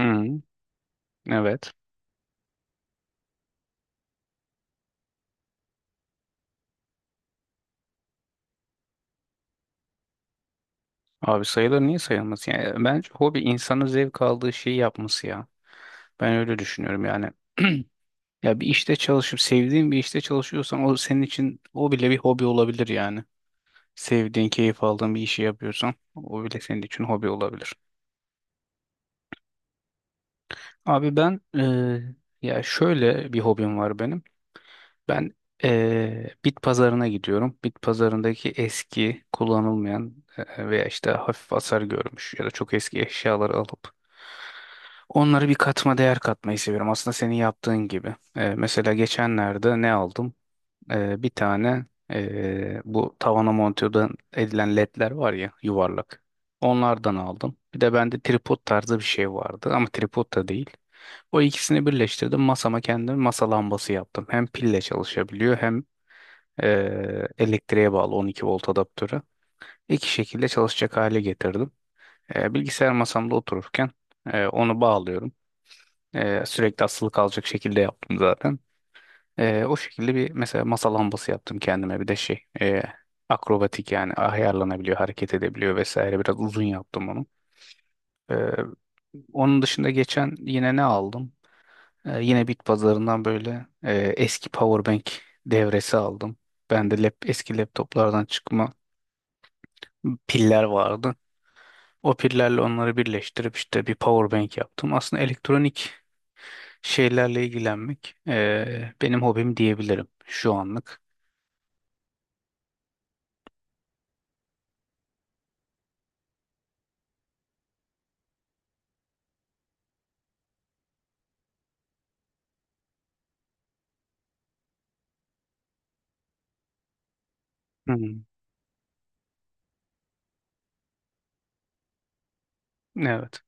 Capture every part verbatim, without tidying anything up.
Hı hı, evet. Abi sayılar niye sayılmaz? Yani bence hobi insanın zevk aldığı şeyi yapması ya. Ben öyle düşünüyorum yani. Ya bir işte çalışıp sevdiğin bir işte çalışıyorsan o senin için o bile bir hobi olabilir yani. Sevdiğin, keyif aldığın bir işi yapıyorsan o bile senin için hobi olabilir. Abi ben eee, ya şöyle bir hobim var benim. Ben eee, bit pazarına gidiyorum. Bit pazarındaki eski, kullanılmayan eee, veya işte hafif hasar görmüş ya da çok eski eşyaları alıp onları bir katma değer katmayı seviyorum. Aslında senin yaptığın gibi. Eee, mesela geçenlerde ne aldım? Ee, bir tane ee, bu tavana monte edilen ledler var ya yuvarlak. Onlardan aldım. Bir de bende tripod tarzı bir şey vardı ama tripod da değil. O ikisini birleştirdim. Masama kendim masa lambası yaptım. Hem pille çalışabiliyor hem ee, elektriğe bağlı 12 volt adaptörü. İki şekilde çalışacak hale getirdim. Ee, bilgisayar masamda otururken ee, onu bağlıyorum. Ee, sürekli asılı kalacak şekilde yaptım zaten. Ee, o şekilde bir mesela masa lambası yaptım kendime. Bir de şey e, akrobatik yani ayarlanabiliyor, hareket edebiliyor vesaire. Biraz uzun yaptım onu. Ee, onun dışında geçen yine ne aldım? Ee, yine bit pazarından böyle e, eski powerbank devresi aldım. Bende lap, eski laptoplardan çıkma piller vardı. O pillerle onları birleştirip işte bir powerbank yaptım. Aslında elektronik şeylerle ilgilenmek e, benim hobim diyebilirim şu anlık. Hı. Evet.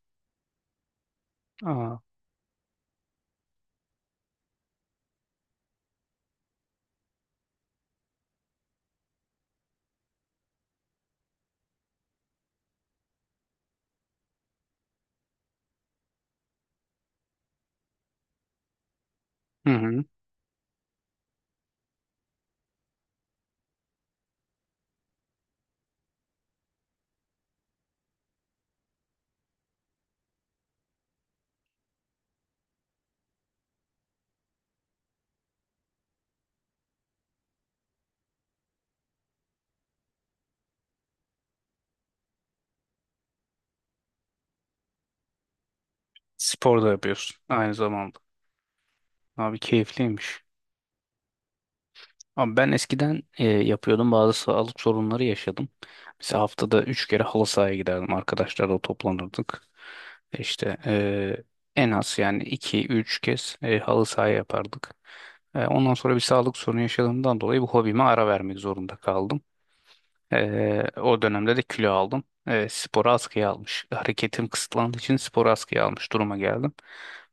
Aa, hı hı. Spor da yapıyorsun aynı zamanda. Abi keyifliymiş. Abi ben eskiden e, yapıyordum bazı sağlık sorunları yaşadım. Mesela haftada üç kere halı sahaya giderdim. Arkadaşlarla toplanırdık. E, İşte e, en az yani iki üç kez e, halı sahaya yapardık. E, ondan sonra bir sağlık sorunu yaşadığımdan dolayı bu hobime ara vermek zorunda kaldım. Ee, o dönemde de kilo aldım. Ee, sporu askıya almış. Hareketim kısıtlandığı için sporu askıya almış duruma geldim.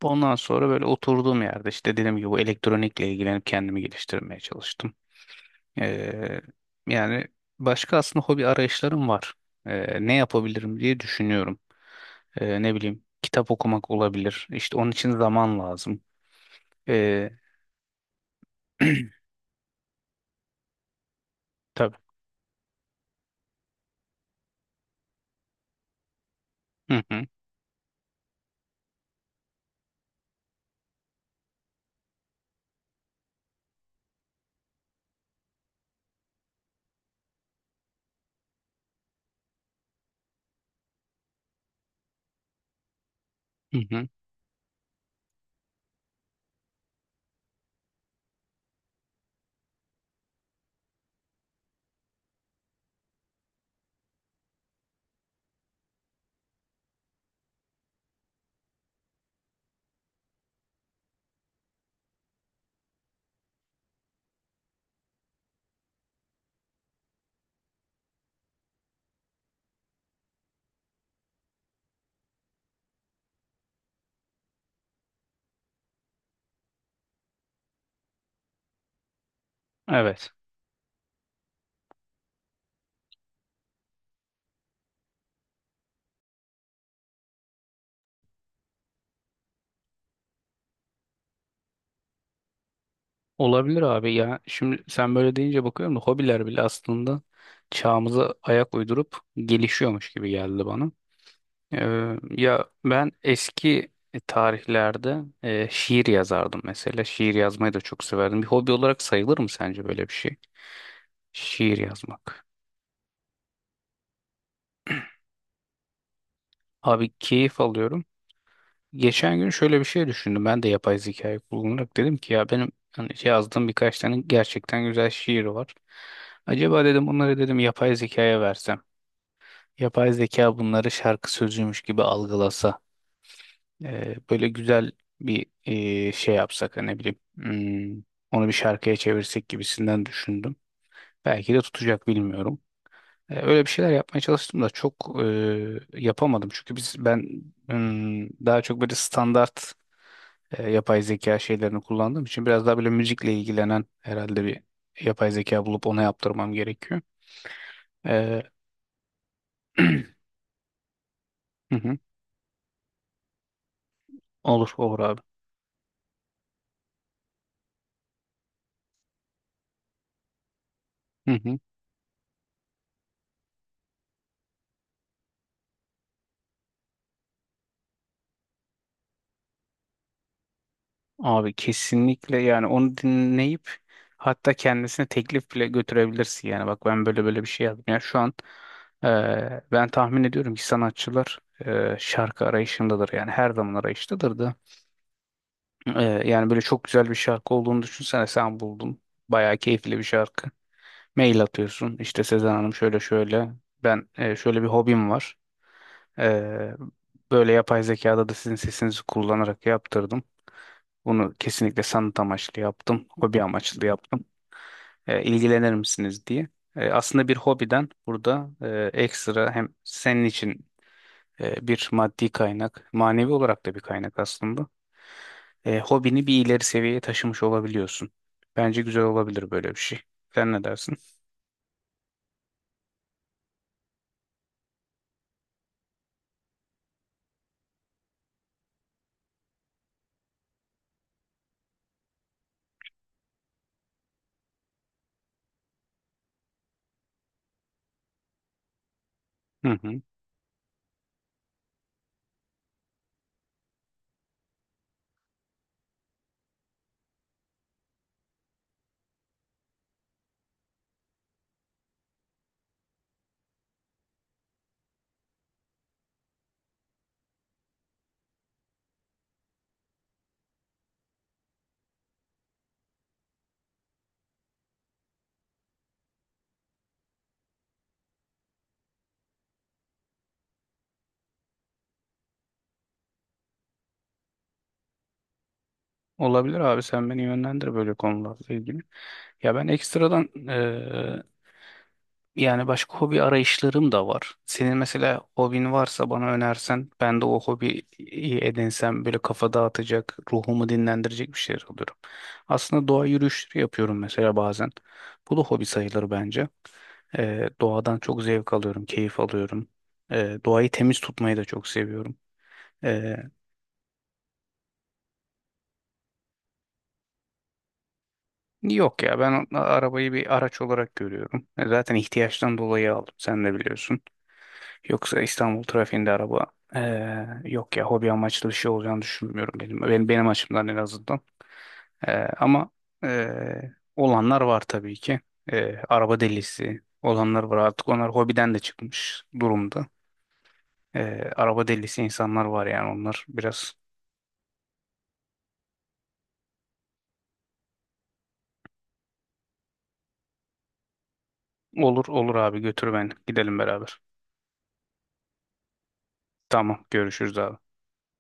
Ondan sonra böyle oturduğum yerde işte dediğim gibi bu elektronikle ilgilenip kendimi geliştirmeye çalıştım. Ee, yani başka aslında hobi arayışlarım var. Ee, ne yapabilirim diye düşünüyorum. Ee, ne bileyim kitap okumak olabilir. İşte onun için zaman lazım. Ee, tabii. Hı hı. Hı hı. Evet. Olabilir abi ya. Şimdi sen böyle deyince bakıyorum da hobiler bile aslında çağımıza ayak uydurup gelişiyormuş gibi geldi bana. Ee, ya ben eski tarihlerde e, şiir yazardım mesela. Şiir yazmayı da çok severdim. Bir hobi olarak sayılır mı sence böyle bir şey? Şiir yazmak. Abi keyif alıyorum. Geçen gün şöyle bir şey düşündüm. Ben de yapay zekayı kullanarak dedim ki ya benim hani yazdığım birkaç tane gerçekten güzel şiir var. Acaba dedim bunları dedim yapay zekaya versem. Yapay zeka bunları şarkı sözüymüş gibi algılasa. e, böyle güzel bir e, şey yapsak hani ne bileyim. hmm, onu bir şarkıya çevirsek gibisinden düşündüm. Belki de tutacak bilmiyorum. E, öyle bir şeyler yapmaya çalıştım da çok e, yapamadım. Çünkü biz ben hmm, daha çok böyle standart e, yapay zeka şeylerini kullandığım için biraz daha böyle müzikle ilgilenen herhalde bir yapay zeka bulup ona yaptırmam gerekiyor. E, hı hı. Olur olur abi. Hı hı. Abi kesinlikle yani onu dinleyip hatta kendisine teklif bile götürebilirsin yani bak ben böyle böyle bir şey yazdım. Yani şu an e, ben tahmin ediyorum ki sanatçılar e, şarkı arayışındadır yani her zaman arayıştadır da. E, yani böyle çok güzel bir şarkı olduğunu düşünsene sen buldun. Bayağı keyifli bir şarkı. Mail atıyorsun. İşte Sezen Hanım şöyle şöyle. Ben e, şöyle bir hobim var. E, böyle yapay zekada da sizin sesinizi kullanarak yaptırdım. Bunu kesinlikle sanat amaçlı yaptım. Hobi amaçlı yaptım. E, ilgilenir misiniz diye. E, aslında bir hobiden burada e, ekstra hem senin için e, bir maddi kaynak, manevi olarak da bir kaynak aslında. E, hobini bir ileri seviyeye taşımış olabiliyorsun. Bence güzel olabilir böyle bir şey. Sen ne dersin? Hı hı. Olabilir abi sen beni yönlendir böyle konularla ilgili. Ya ben ekstradan eee, yani başka hobi arayışlarım da var. Senin mesela hobin varsa bana önersen ben de o hobiyi edinsem böyle kafa dağıtacak, ruhumu dinlendirecek bir şeyler alıyorum. Aslında doğa yürüyüşleri yapıyorum mesela bazen. Bu da hobi sayılır bence. Eee, doğadan çok zevk alıyorum, keyif alıyorum. Eee, doğayı temiz tutmayı da çok seviyorum. Yok ya ben arabayı bir araç olarak görüyorum. E, Zaten ihtiyaçtan dolayı aldım sen de biliyorsun. Yoksa İstanbul trafiğinde araba eee, yok ya hobi amaçlı bir şey olacağını düşünmüyorum benim benim, benim açımdan en azından. Eee, ama eee, olanlar var tabii ki. Eee, araba delisi olanlar var artık onlar hobiden de çıkmış durumda. Eee, araba delisi insanlar var yani onlar biraz. Olur olur abi, götür beni gidelim beraber. Tamam görüşürüz abi.